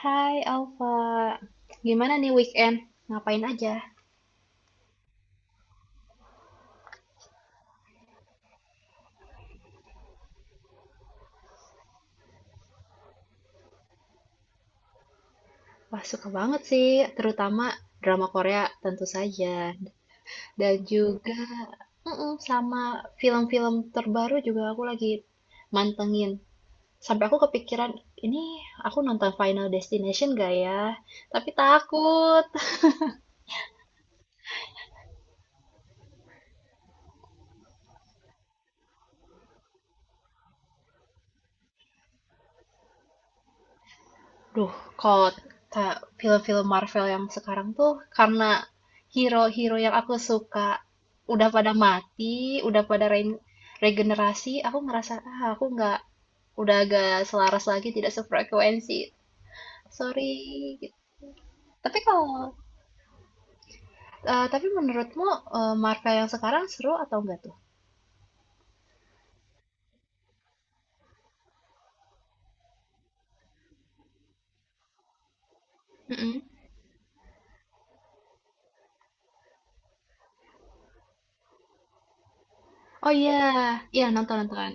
Hai Alfa, gimana nih weekend? Ngapain aja? Wah, suka banget sih, terutama drama Korea tentu saja. Dan juga mm-mm, sama film-film terbaru juga aku lagi mantengin. Sampai aku kepikiran, ini aku nonton Final Destination gak ya? Tapi takut. Duh, Kalau film-film Marvel yang sekarang tuh karena hero-hero yang aku suka udah pada mati, udah pada regenerasi, aku ngerasa aku nggak udah agak selaras lagi, tidak sefrekuensi. Sorry. Gitu. Tapi kalau tapi menurutmu Marvel yang sekarang seru atau enggak tuh? Mm-mm. Oh iya, iya, nonton nonton.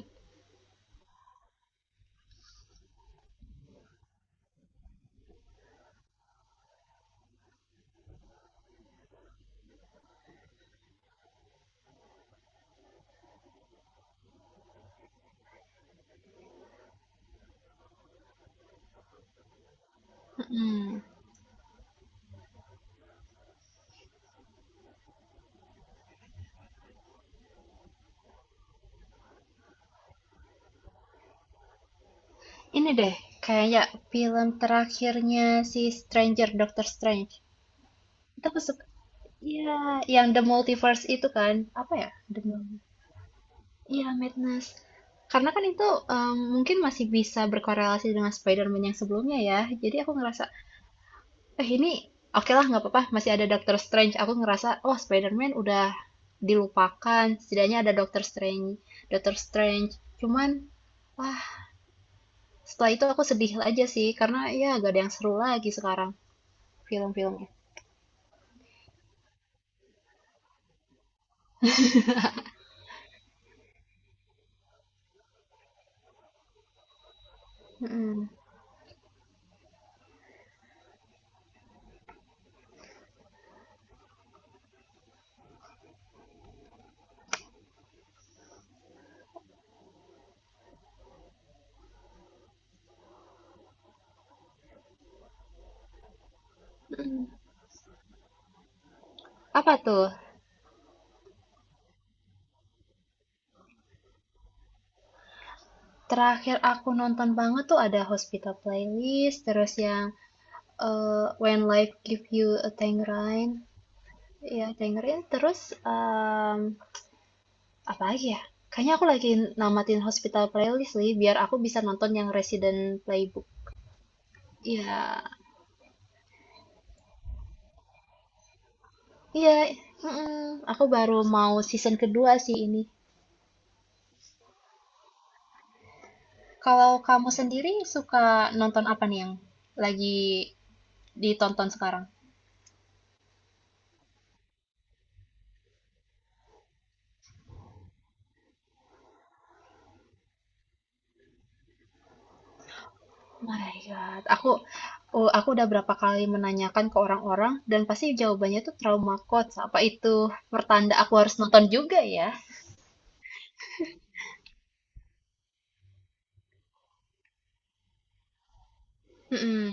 Mm-mm. Ini deh, kayak film terakhirnya si Doctor Strange. Itu aku se- Iya, yang The Multiverse itu kan, apa ya? Iya, Madness. Karena kan itu mungkin masih bisa berkorelasi dengan Spider-Man yang sebelumnya ya. Jadi aku ngerasa, eh ini oke lah nggak apa-apa, masih ada Doctor Strange. Aku ngerasa, oh Spider-Man udah dilupakan, setidaknya ada Doctor Strange. Doctor Strange. Cuman, wah, setelah itu aku sedih aja sih, karena ya gak ada yang seru lagi sekarang film-filmnya. Mm-mm. Mm-mm. Apa tuh? Terakhir aku nonton banget tuh ada Hospital Playlist, terus yang When Life Give You a Tangerine, ya Tangerine, terus apa lagi ya? Kayaknya aku lagi namatin Hospital Playlist nih, biar aku bisa nonton yang Resident Playbook. Iya, iya, mm-mm. Aku baru mau season kedua sih ini. Kalau kamu sendiri suka nonton apa nih yang lagi ditonton sekarang? Oh My God, aku aku udah berapa kali menanyakan ke orang-orang dan pasti jawabannya tuh trauma coach. Apa itu pertanda aku harus nonton juga ya? Mhm.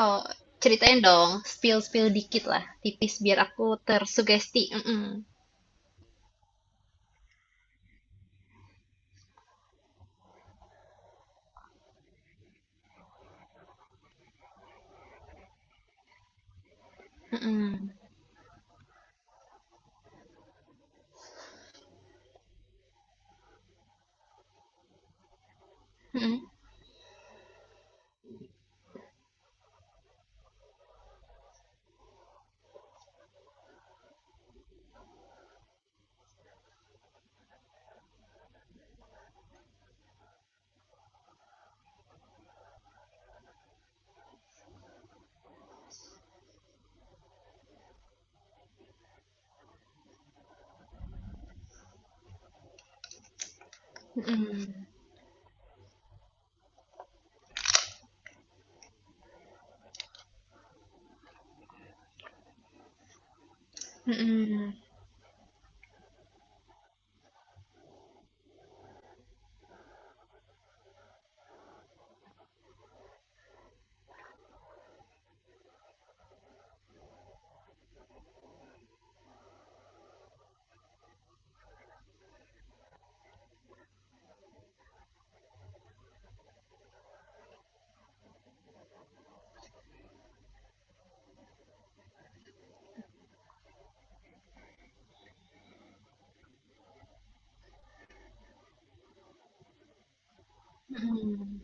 Oh, ceritain dong, spill-spill dikit lah, tipis biar aku tersugesti. Mhm, mhm, mhm, mhm, mhm, mhm,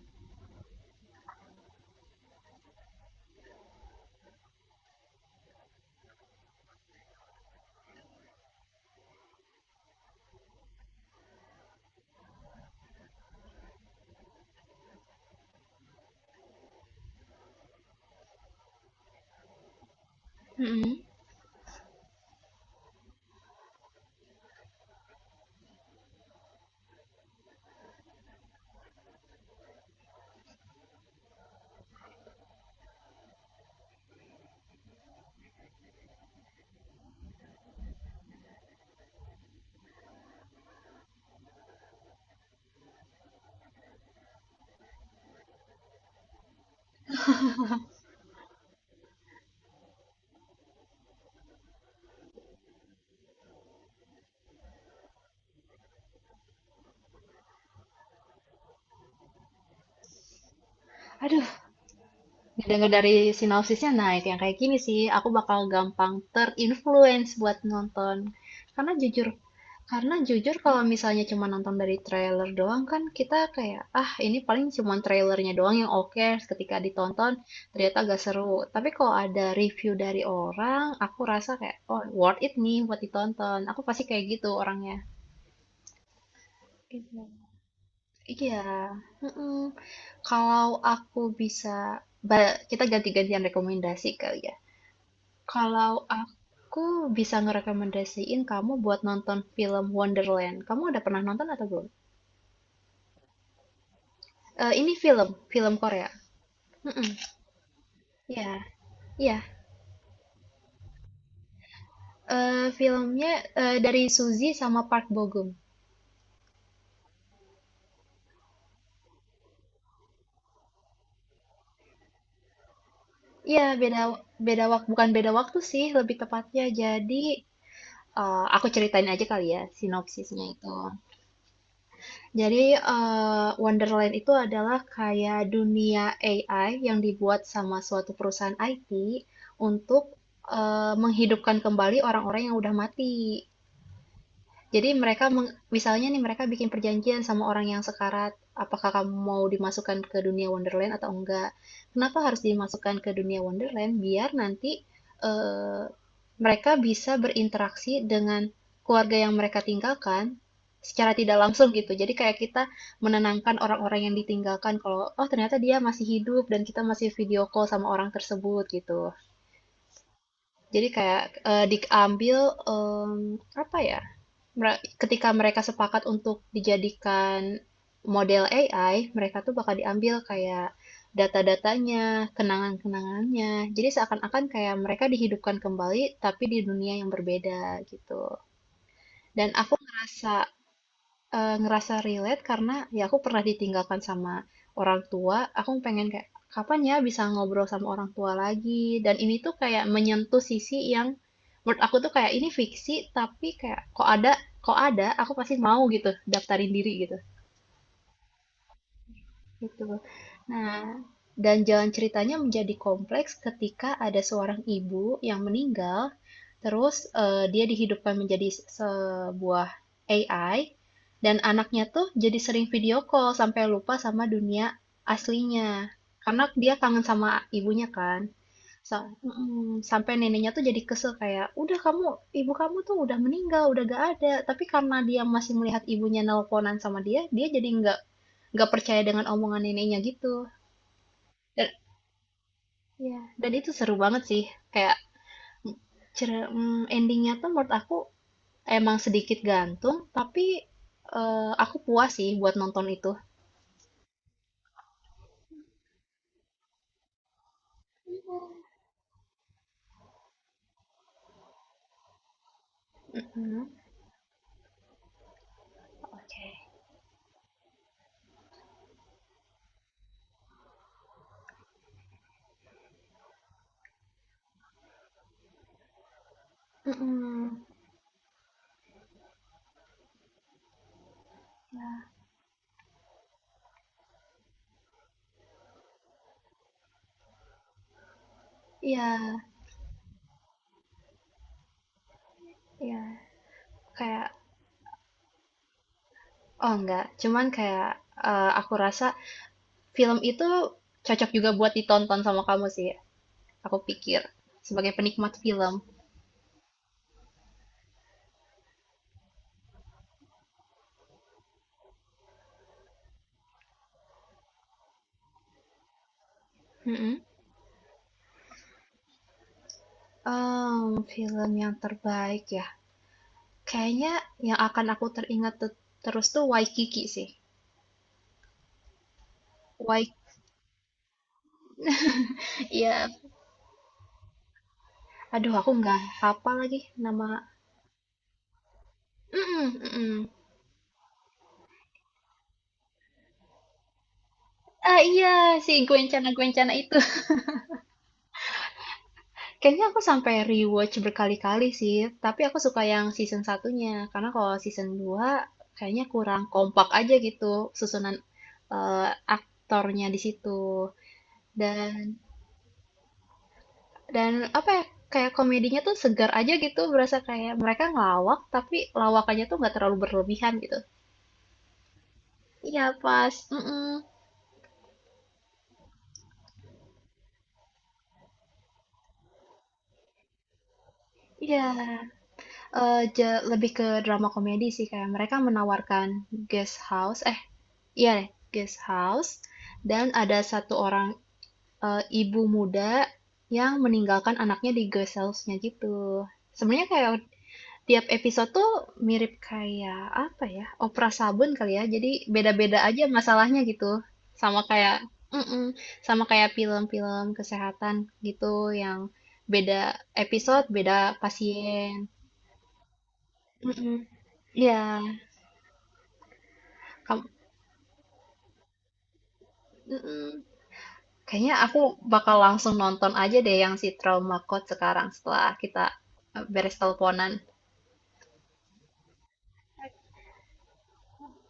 mhm. Aduh. Dengar dari sinopsisnya, nah itu yang kayak gini sih, aku bakal gampang terinfluence buat nonton. Karena jujur, karena jujur kalau misalnya cuma nonton dari trailer doang kan kita kayak, ah ini paling cuma trailernya doang yang oke ketika ditonton ternyata agak seru. Tapi kalau ada review dari orang, aku rasa kayak, oh worth it nih buat ditonton. Aku pasti kayak gitu orangnya. Gitu. Iya, mm-mm. Kalau aku bisa, ba- Kita ganti-gantian rekomendasi kali ya. Kalau aku bisa ngerekomendasiin kamu buat nonton film Wonderland. Kamu udah pernah nonton atau belum? Eh, ini film Korea. Mm-mm. Ya, ya. Eh, filmnya dari Suzy sama Park Bo Gum. Iya, beda beda waktu, bukan beda waktu sih, lebih tepatnya. Jadi, aku ceritain aja kali ya sinopsisnya itu. Jadi, Wonderland itu adalah kayak dunia AI yang dibuat sama suatu perusahaan IT untuk, menghidupkan kembali orang-orang yang udah mati. Jadi mereka misalnya nih mereka bikin perjanjian sama orang yang sekarat, apakah kamu mau dimasukkan ke dunia Wonderland atau enggak? Kenapa harus dimasukkan ke dunia Wonderland? Biar nanti eh, mereka bisa berinteraksi dengan keluarga yang mereka tinggalkan secara tidak langsung gitu. Jadi kayak kita menenangkan orang-orang yang ditinggalkan kalau oh ternyata dia masih hidup dan kita masih video call sama orang tersebut gitu. Jadi kayak diambil em, apa ya? Ketika mereka sepakat untuk dijadikan model AI, mereka tuh bakal diambil kayak data-datanya, kenangan-kenangannya. Jadi seakan-akan kayak mereka dihidupkan kembali, tapi di dunia yang berbeda gitu. Dan aku ngerasa ngerasa relate karena ya aku pernah ditinggalkan sama orang tua, aku pengen kayak, "Kapan ya bisa ngobrol sama orang tua lagi?" Dan ini tuh kayak menyentuh sisi yang menurut aku tuh kayak ini fiksi, tapi kayak kok ada, aku pasti mau gitu daftarin diri gitu. Gitu. Nah, dan jalan ceritanya menjadi kompleks ketika ada seorang ibu yang meninggal, terus eh, dia dihidupkan menjadi sebuah AI, dan anaknya tuh jadi sering video call sampai lupa sama dunia aslinya. Karena dia kangen sama ibunya kan. Sa mhm, sampai neneknya tuh jadi kesel kayak, "Udah kamu ibu kamu tuh udah meninggal, udah gak ada." Tapi karena dia masih melihat ibunya nelponan sama dia, dia jadi nggak percaya dengan omongan neneknya gitu. Dan ya dan itu seru banget sih. Kayak, m cere mmm, ending tuh menurut aku emang sedikit gantung, tapi, aku puas sih buat nonton itu. Mhm. Oke. Mhm. Ya, iya iya. Kayak oh enggak, cuman kayak eh, aku rasa film itu cocok juga buat ditonton sama kamu sih, aku pikir sebagai penikmat film. Mm-mm. Em, film yang terbaik ya, kayaknya yang akan aku teringat terus tuh Waikiki sih. Waik, Iya. Aduh aku nggak hafal lagi nama. Mm-mm, mm-mm. Ah iya, si Gwencana Gwencana itu. Kayaknya aku sampai rewatch berkali-kali sih, tapi aku suka yang season satunya. Karena kalau season 2 kayaknya kurang kompak aja gitu susunan eh, aktornya di situ. Dan dan apa ya? Kayak komedinya tuh segar aja gitu, berasa kayak mereka ngelawak tapi lawakannya tuh nggak terlalu berlebihan gitu. Iya, pas. Mm-mm. Iya. Eee, ja Lebih ke drama komedi sih, kayak mereka menawarkan guest house eh, iya deh, guest house dan ada satu orang, ibu muda yang meninggalkan anaknya di guest house-nya gitu. Sebenarnya kayak tiap episode tuh mirip kayak, apa ya, opera sabun kali ya, jadi beda-beda aja masalahnya gitu. Sama kayak mhm, sama kayak film-film kesehatan gitu yang beda episode, beda pasien. Mhm. Iya, kam mhm. Kayaknya aku bakal langsung nonton aja deh yang si Trauma Code sekarang setelah kita, beres teleponan.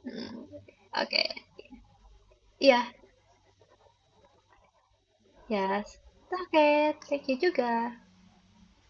Mhm. Oke. Iya, yes. Oke, thank you juga.